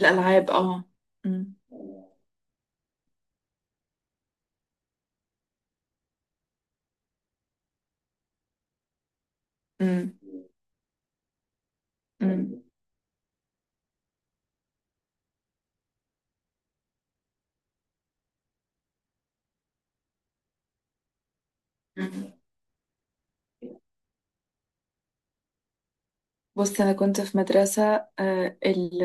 الألعاب، اه. مم. مم. مم. مم. بص، أنا كنت في مدرسة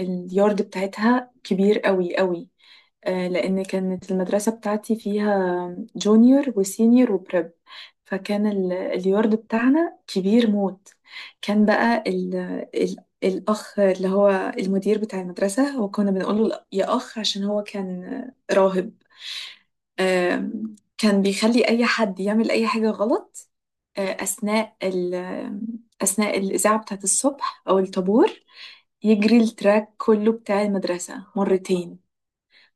اليارد بتاعتها كبير قوي قوي، لأن كانت المدرسة بتاعتي فيها جونيور وسينيور وبريب. فكان اليارد بتاعنا كبير موت. كان بقى ال ال الأخ اللي هو المدير بتاع المدرسة، وكنا بنقول له يا أخ عشان هو كان راهب. كان بيخلي أي حد يعمل أي حاجة غلط أثناء أثناء الإذاعة بتاعت الصبح أو الطابور، يجري التراك كله بتاع المدرسة مرتين.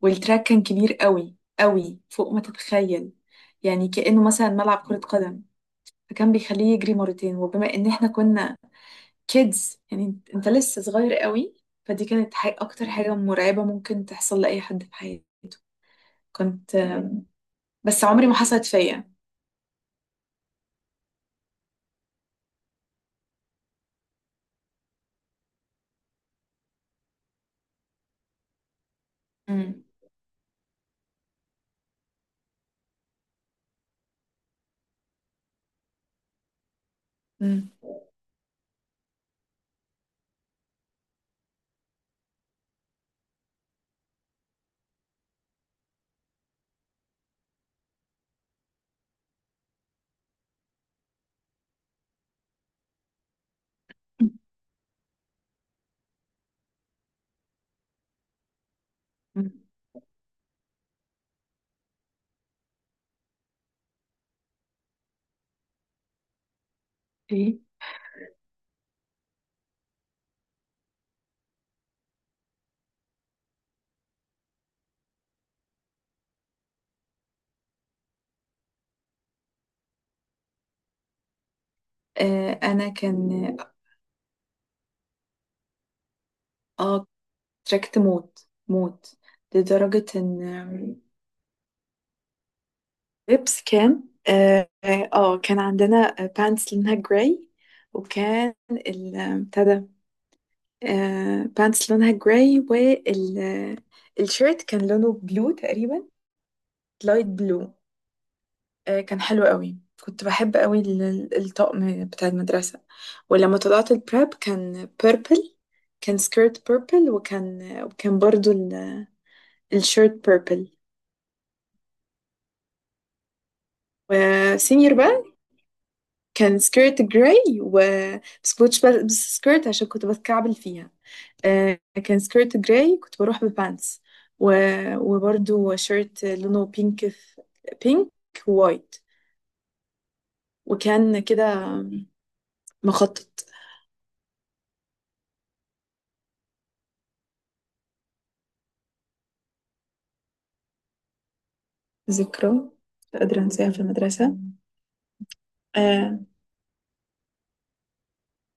والتراك كان كبير قوي قوي فوق ما تتخيل، يعني كأنه مثلا ملعب كرة قدم. فكان بيخليه يجري مرتين، وبما ان احنا كنا كيدز، يعني انت لسه صغير قوي. فدي كانت حي اكتر حاجة مرعبة ممكن تحصل لأي حد في حياته. كنت، بس عمري ما حصلت فيا. مم. مم. مم. ايه. آه انا كان، اه، تراكت موت موت لدرجة ان، لبس كان، اه، كان عندنا بانتس لونها جراي. وكان بتاع ده، آه، بانتس لونها جراي. والشيرت كان لونه بلو تقريبا، لايت بلو. آه كان حلو قوي. كنت بحب قوي الطقم بتاع المدرسة. ولما طلعت البراب كان بيربل. كان سكيرت بيربل، وكان برضو الشيرت بيربل. وسينيور بقى، كان سكيرت جراي، و، بس كنتش بلبس سكيرت عشان كنت بتكعبل فيها. آه، كان سكيرت جراي، كنت بروح ببانس. و... وبرده شيرت لونه بينك، في بينك وايت. وكان كده مخطط. ذكرى مش قادرة أنساها في المدرسة؟ آه،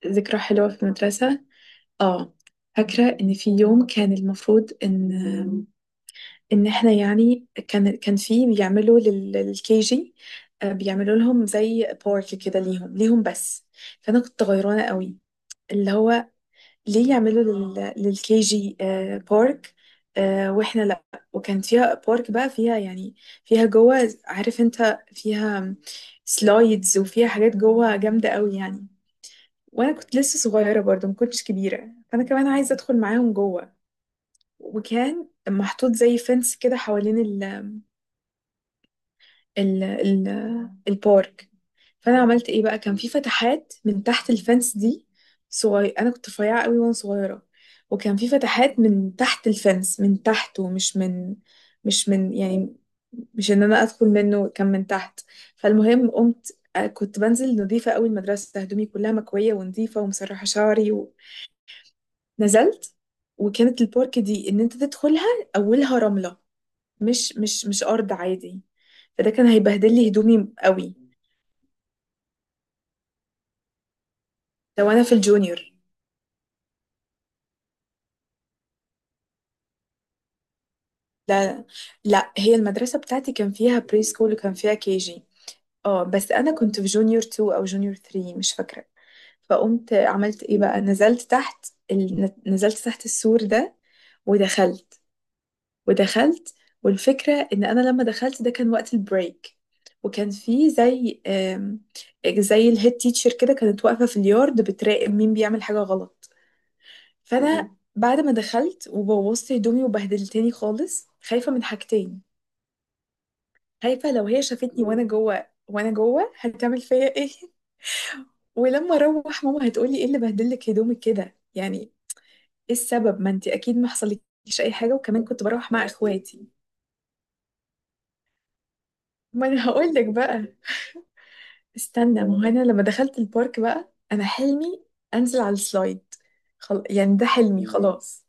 ذكرى حلوة في المدرسة، اه. فاكرة إن في يوم كان المفروض ان احنا، يعني كان في بيعملوا للكي جي، بيعملوا لهم زي بارك كده، ليهم بس. فانا كنت غيرانه قوي، اللي هو ليه يعملوا للكي جي، بارك، واحنا لا. وكان فيها بارك بقى، فيها يعني، فيها جوه، عارف انت، فيها سلايدز وفيها حاجات جوه جامده قوي يعني. وانا كنت لسه صغيره برضو، ما كنتش كبيره، فانا كمان عايزه ادخل معاهم جوه. وكان محطوط زي فنس كده حوالين ال ال البارك. فانا عملت ايه بقى، كان في فتحات من تحت الفence دي. صغير، انا كنت رفيعه قوي وانا صغيره. وكان في فتحات من تحت الفence، من تحت ومش من، مش من يعني، مش ان انا ادخل منه، كان من تحت. فالمهم قمت، كنت بنزل نظيفه قوي المدرسه، هدومي كلها مكويه ونظيفه ومسرحه شعري. ونزلت. وكانت البارك دي ان انت تدخلها، اولها رمله، مش ارض عادي. فده كان هيبهدل لي هدومي قوي. ده وانا في الجونيور. لا، لا، هي المدرسة بتاعتي كان فيها بري سكول وكان فيها كي جي. اه، بس انا كنت في جونيور 2 او جونيور 3، مش فاكرة. فقمت عملت ايه بقى، نزلت تحت السور ده. ودخلت ودخلت. والفكرة ان انا لما دخلت، ده كان وقت البريك. وكان في زي، زي الهيد تيتشر كده، كانت واقفة في اليارد بتراقب مين بيعمل حاجة غلط. فانا بعد ما دخلت وبوظت هدومي وبهدلتني خالص، خايفه من حاجتين. خايفه لو هي شافتني وانا جوه، هتعمل فيا ايه. ولما اروح ماما هتقولي ايه اللي بهدلك هدومك كده، يعني ايه السبب، ما انت اكيد ما حصلكيش اي حاجه، وكمان كنت بروح مع اخواتي. ما انا هقول لك بقى. استنى، ما هو انا لما دخلت البارك بقى، انا حلمي انزل على السلايد. يعني ده حلمي، خلاص.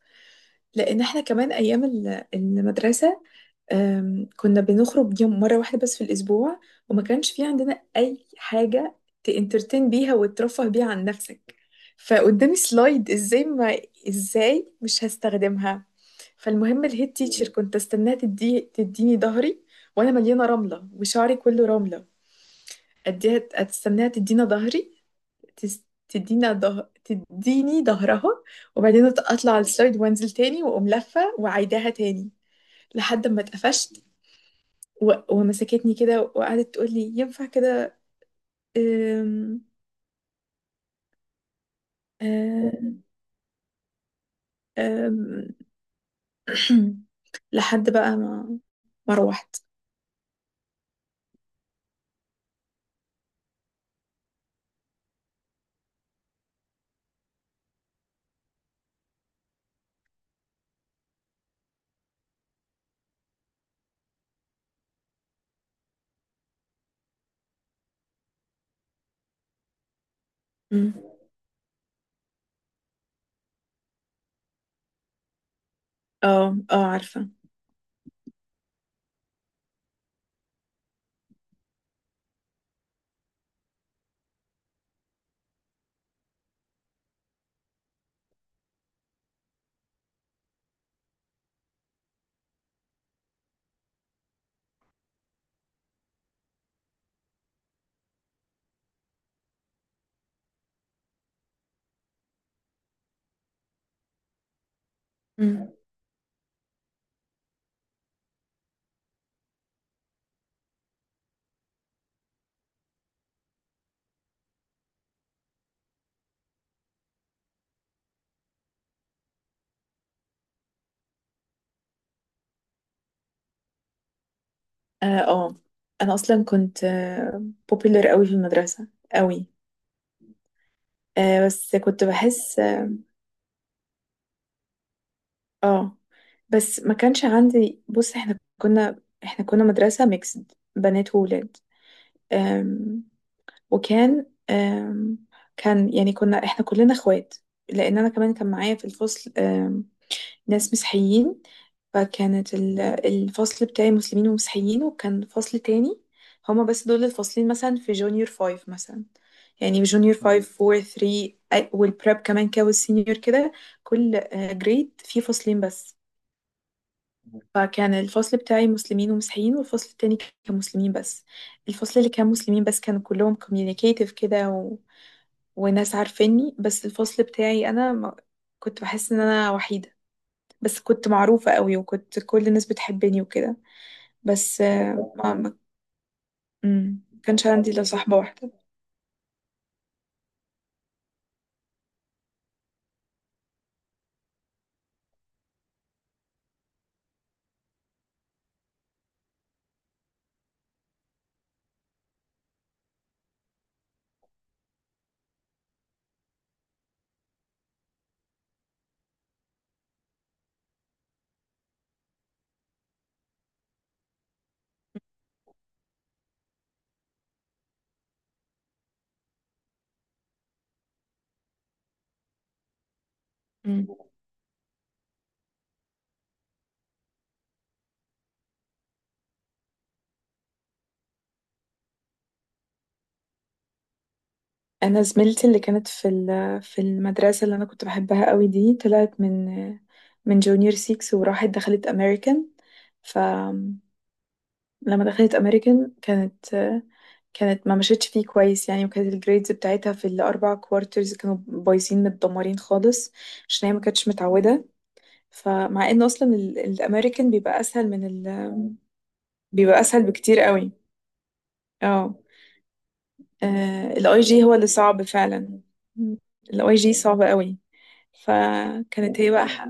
لان احنا كمان ايام المدرسه، كنا بنخرج يوم مرة واحدة بس في الأسبوع. وما كانش في عندنا أي حاجة تانترتين بيها وترفه بيها عن نفسك. فقدامي سلايد، ازاي ما، ازاي مش هستخدمها؟ فالمهم الهيد تيتشر كنت استناها تديني ظهري وانا مليانه رمله وشعري كله رمله. اديها استناها تدينا ظهري، تس- تدينا ظهر تديني ظهرها، وبعدين اطلع على السلايد وانزل تاني، واقوم لفه وعيداها تاني، لحد ما اتقفشت. ومسكتني كده وقعدت تقول لي ينفع كده. أم... أم... أم... لحد بقى ما، ما روحت. أم. اه اه، عارفة. أم. اه. آه، انا اصلا كنت بوبيلر قوي في المدرسة، قوي. آه بس كنت بحس اه. آه، بس ما كانش عندي، بص، احنا كنا مدرسة ميكسد، بنات وولاد. وكان، كان يعني كنا احنا كلنا اخوات، لان انا كمان كان معايا في الفصل، ناس مسيحيين. فكانت الفصل بتاعي مسلمين ومسيحيين، وكان فصل تاني، هما بس دول الفاصلين مثلا في جونيور فايف مثلا. يعني جونيور فايف، فور، ثري، والبريب كمان كده، والسينيور كده، كل جريد فيه فصلين بس. فكان الفصل بتاعي مسلمين ومسيحيين، والفصل التاني كان مسلمين بس. الفصل اللي كان مسلمين بس كانوا كلهم communicative كده، وناس عارفيني، بس الفصل بتاعي انا ما، كنت بحس ان انا وحيدة، بس كنت معروفة قوي وكنت كل الناس بتحبني وكده. بس آه، ما ما ما كانش عندي الا صاحبة واحدة. مم. انا زميلتي اللي كانت في في المدرسة اللي انا كنت بحبها قوي دي، طلعت من جونيور 6، وراحت دخلت امريكان. ف لما دخلت امريكان، كانت ما مشيتش فيه كويس يعني، وكانت الجريدز بتاعتها في الاربع كوارترز كانوا بايظين متدمرين خالص، عشان هي ما كانتش متعوده. فمع ان اصلا الامريكان بيبقى اسهل بكتير قوي. اه. الاي جي هو اللي صعب فعلا، الاي جي صعب قوي. فكانت هي بقى حق.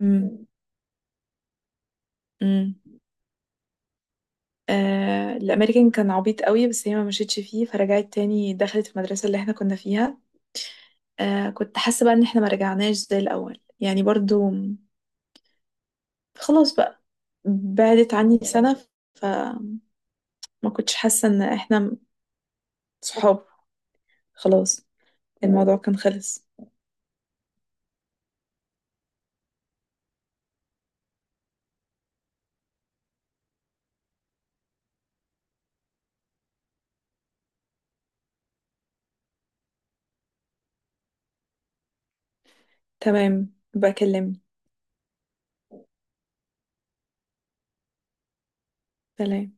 مم. مم. آه، الامريكان كان عبيط قوي، بس هي ما مشيتش فيه، فرجعت تاني دخلت المدرسة اللي احنا كنا فيها. آه، كنت حاسة بقى ان احنا ما رجعناش زي الاول يعني برضو، خلاص بقى، بعدت عني سنة. فما كنتش حاسة ان احنا صحاب، خلاص، الموضوع كان خلص. تمام، بكلمني. سلام.